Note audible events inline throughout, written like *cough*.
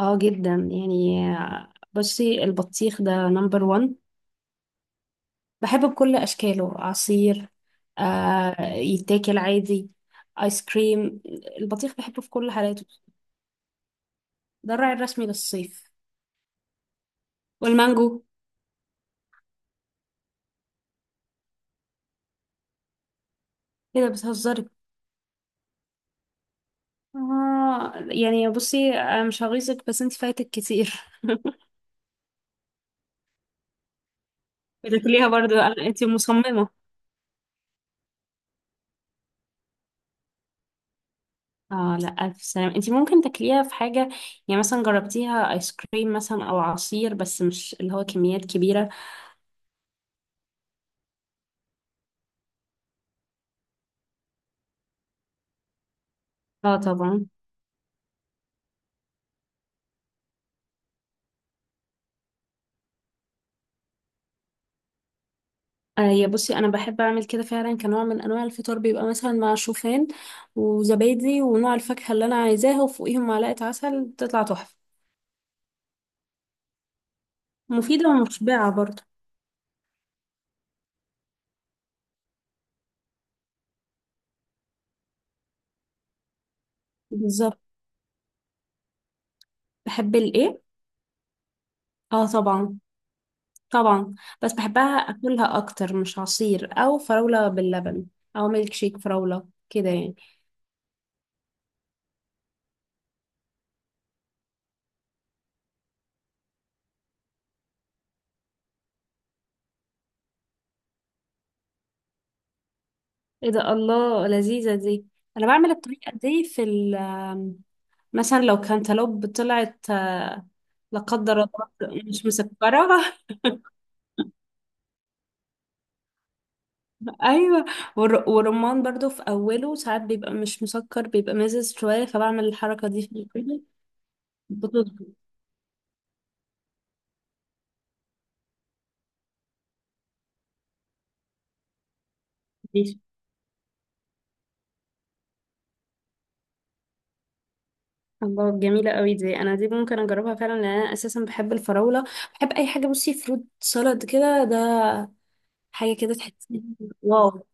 اه جدا يعني. بصي، البطيخ ده نمبر وان، بحبه بكل اشكاله عصير، آه، يتاكل عادي، ايس كريم. البطيخ بحبه في كل حالاته، ده الراعي الرسمي للصيف. والمانجو، ايه ده بتهزري؟ اه يعني بصي أنا مش هغيظك بس انت فايتك كتير. *laughs* بتاكليها برضو، انت مصممة. اه لا الف سلام، انت ممكن تاكليها في حاجة، يعني مثلا جربتيها ايس كريم مثلا او عصير، بس مش اللي هو كميات كبيرة. اه طبعا. يا بصي انا بحب اعمل كده فعلا كنوع من انواع الفطار، بيبقى مثلا مع شوفان وزبادي ونوع الفاكهه اللي انا عايزاها، وفوقيهم معلقه عسل، بتطلع تحفه مفيده ومشبعه برضه. بالظبط. بحب الايه؟ اه طبعا، طبعا. بس بحبها اكلها اكتر، مش عصير او فراوله باللبن او ميلك شيك فراوله كده يعني. ايه ده، الله لذيذه دي. انا بعمل الطريقه دي في مثلا لو كانتالوب طلعت، آه، لا قدر الله، مش مسكرة. *laughs* ايوه. والرمان برضو في اوله ساعات بيبقى مش مسكر، بيبقى مزز شويه، فبعمل الحركه دي في الكوبي، بتظبط. دي الله جميله قوي دي، انا دي ممكن اجربها فعلا، لان انا اساسا بحب الفراوله، بحب اي حاجه بصي فروت سلطه كده، ده حاجه كده تحسي. واو.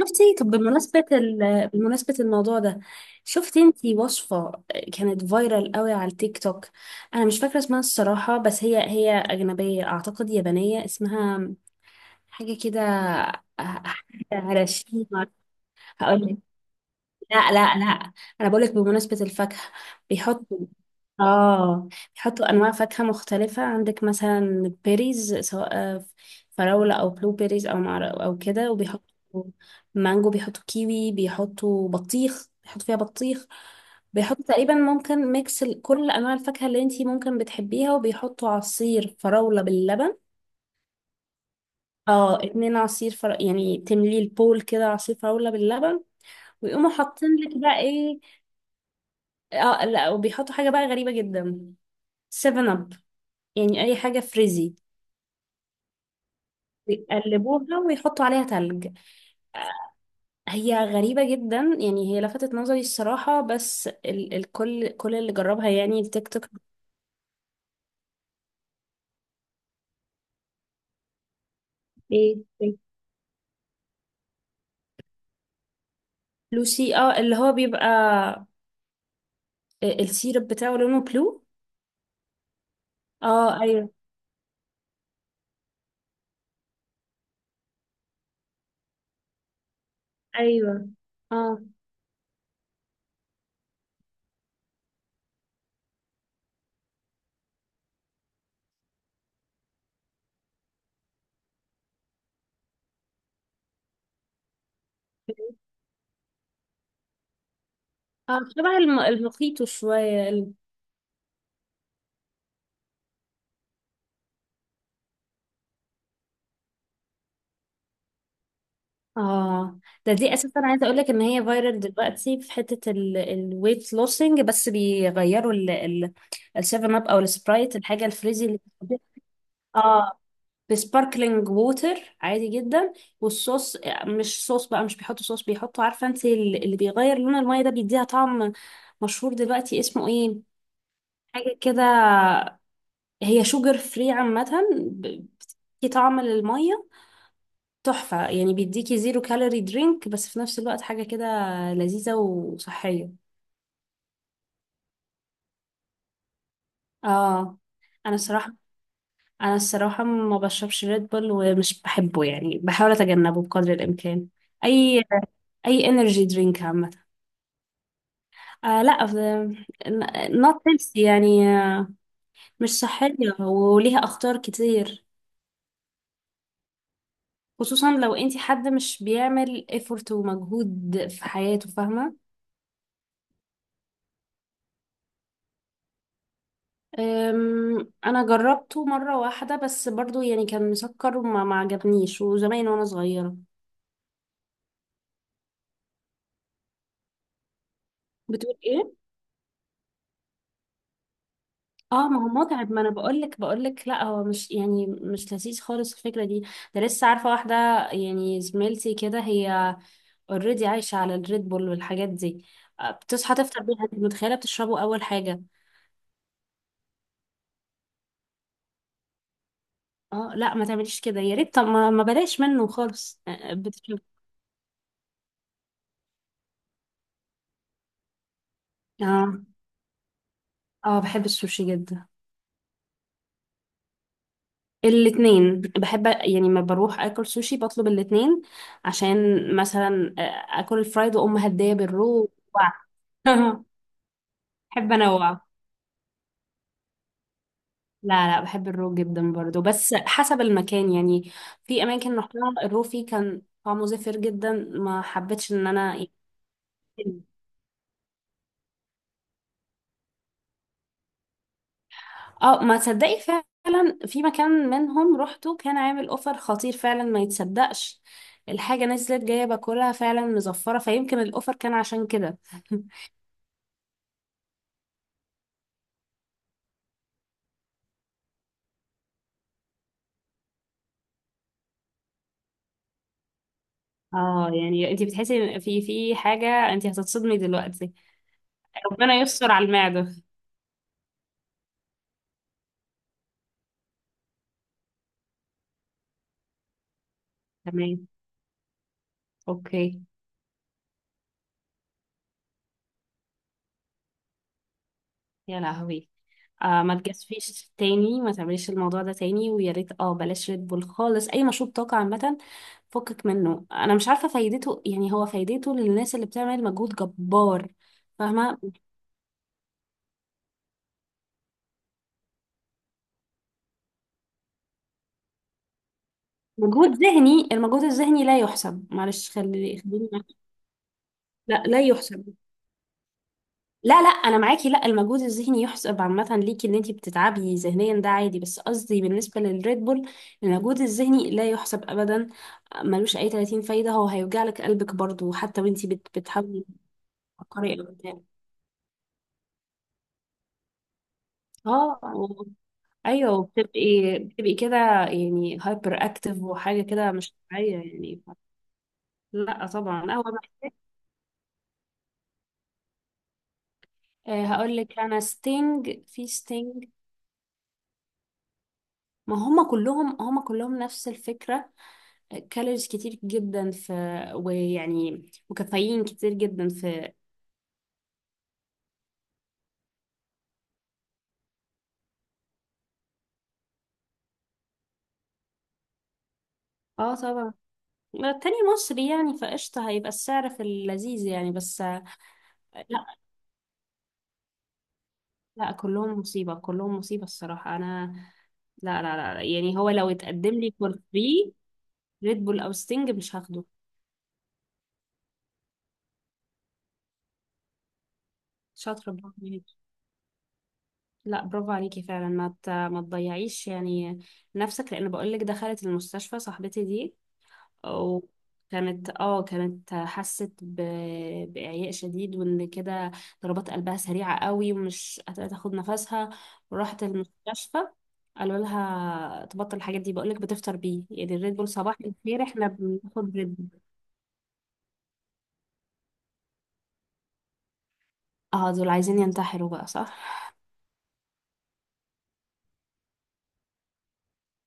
شفتي طب بمناسبه بمناسبه الموضوع ده، شفتي انتي وصفه كانت فايرال قوي على التيك توك؟ انا مش فاكره اسمها الصراحه، بس هي اجنبيه اعتقد، يابانيه، اسمها حاجة كده، آه، حاجة هرشيمة. هقول لك، لا لا لا، أنا بقول لك بمناسبة الفاكهة، بيحطوا، آه، بيحطوا أنواع فاكهة مختلفة، عندك مثلا بيريز، سواء آه، فراولة أو بلو بيريز أو أو كده، وبيحطوا مانجو، بيحطوا كيوي، بيحطوا بطيخ، بيحطوا فيها بطيخ، بيحطوا تقريبا ممكن ميكس كل أنواع الفاكهة اللي انتي ممكن بتحبيها، وبيحطوا عصير فراولة باللبن. اه، اتنين عصير يعني تملي البول كده عصير فراولة باللبن، ويقوموا حاطين لك بقى ايه؟ اه لا، وبيحطوا حاجة بقى غريبة جدا، سيفن اب، يعني اي حاجة فريزي، يقلبوها ويحطوا عليها تلج. هي غريبة جدا يعني، هي لفتت نظري الصراحة، بس الكل، كل اللي جربها يعني التيك توك. ايه؟ إيه؟ لوسي، اه اللي هو بيبقى السيرب بتاعه لونه بلو. اه ايوه. ايوه. اه اه شبه المخيط شوية. اه، ده دي اساسا عايزه اقول لك ان هي فايرال دلوقتي في حته الويت لوسنج، بس بيغيروا ال السيفن اب او السبرايت، الحاجه الفريزي اللي بتحطيها، اه، بسباركلينج ووتر عادي جدا. والصوص، مش صوص بقى، مش بيحطوا صوص، بيحطوا عارفه انت اللي بيغير لون الميه ده، بيديها طعم مشهور دلوقتي، اسمه ايه، حاجه كده، هي شوجر فري عامه، ب- بتدي طعم للميه، تحفة يعني. بيديكي زيرو كالوري درينك، بس في نفس الوقت حاجة كده لذيذة وصحية. اه، انا الصراحة، انا الصراحة ما بشربش ريد بول، ومش بحبه يعني، بحاول اتجنبه بقدر الامكان. اي اي انرجي درينك عامة. آه لا، نوت هيلثي يعني، آه، مش صحية، وليها اخطار كتير، خصوصا لو انتي حد مش بيعمل effort ومجهود في حياته، فاهمة. انا جربته مره واحده بس، برضو يعني كان مسكر وما ما عجبنيش، وزمان وانا صغيره. بتقول ايه؟ اه ما هو متعب، ما انا بقول لك، لا هو مش يعني مش لذيذ خالص الفكره دي. ده لسه عارفه واحده يعني، زميلتي كده، هي اوريدي عايشه على الريد بول والحاجات دي. آه، بتصحى تفطر بيها، انت متخيله، بتشربه اول حاجه. اه لا ما تعمليش كده، يا ريت طب ما بلاش منه خالص، آه، بتشرب. اه اه، بحب السوشي جدا. الاتنين بحب يعني، ما بروح اكل سوشي بطلب الاتنين، عشان مثلا، آه، اكل الفرايد واقوم هديه بالرو. *laughs* بحب انوع، لا لا، بحب الرو جدا برضو، بس حسب المكان يعني. في اماكن رحتها الرو فيه كان طعمه زفر جدا، ما حبيتش ان انا. اه ما تصدقي، فعلا في مكان منهم روحته كان عامل اوفر خطير فعلا ما يتصدقش، الحاجه نزلت جايه باكلها فعلا مزفره، فيمكن الاوفر كان عشان كده. *laughs* اه يعني انت بتحسي في حاجة، انت هتتصدمي دلوقتي، ربنا يستر على المعدة. تمام، اوكي. يا لهوي. آه ما تجازفيش تاني، ما تعمليش الموضوع ده تاني، ويا ريت اه بلاش ريد بول خالص، اي مشروب طاقة عامة فكك منه. انا مش عارفة فايدته يعني، هو فايدته للناس اللي بتعمل مجهود جبار، فاهمة. مجهود ذهني، المجهود الذهني لا يحسب، معلش، خليني. لا لا يحسب. لا لا انا معاكي، لا المجهود الذهني يحسب عامه ليكي، ان انتي بتتعبي ذهنيا ده عادي، بس قصدي بالنسبه للريد بول المجهود الذهني لا يحسب ابدا، ملوش اي 30 فايده، هو هيوجع لك قلبك برضو، حتى وانتي بتحاولي تفكري أو بتاع. اه و- ايوه، بتبقي، بتبقي كده يعني، هايبر اكتف، وحاجه كده مش طبيعيه يعني. لا طبعا هو، هقول لك انا ستينج، في ستينج، ما هم كلهم، هم كلهم نفس الفكره، كالوريز كتير جدا في، ويعني، وكافيين كتير جدا في. اه طبعا. التاني مصري يعني، فقشطة هيبقى السعر في اللذيذ يعني، بس لا لا كلهم مصيبة، كلهم مصيبة الصراحة. أنا لا لا لا، يعني هو لو اتقدم لي فور فري ريد بول أو ستينج مش هاخده. شاطرة، برافو عليكي. لا برافو عليكي فعلا، ما تضيعيش يعني نفسك، لأن بقولك دخلت المستشفى صاحبتي دي، وكانت اه كانت حست بإعياء شديد، وإن كده ضربات قلبها سريعة قوي ومش هتاخد نفسها، وراحت المستشفى. قالوا لها تبطل الحاجات دي. بقولك بتفطر بيه يعني، الريد بول صباح الخير، احنا بناخد ريد بول. اه دول عايزين ينتحروا بقى، صح.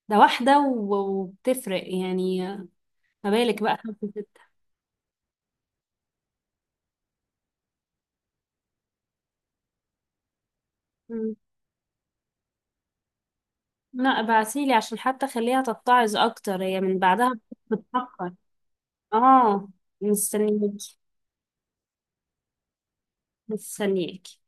ده واحدة و- وبتفرق يعني، ما بالك بقى خمسة ستة. مم. لا ابعتيلي عشان حتى خليها تتعظ اكتر هي من بعدها. بتفكر. اه. مستنيك. مستنياك.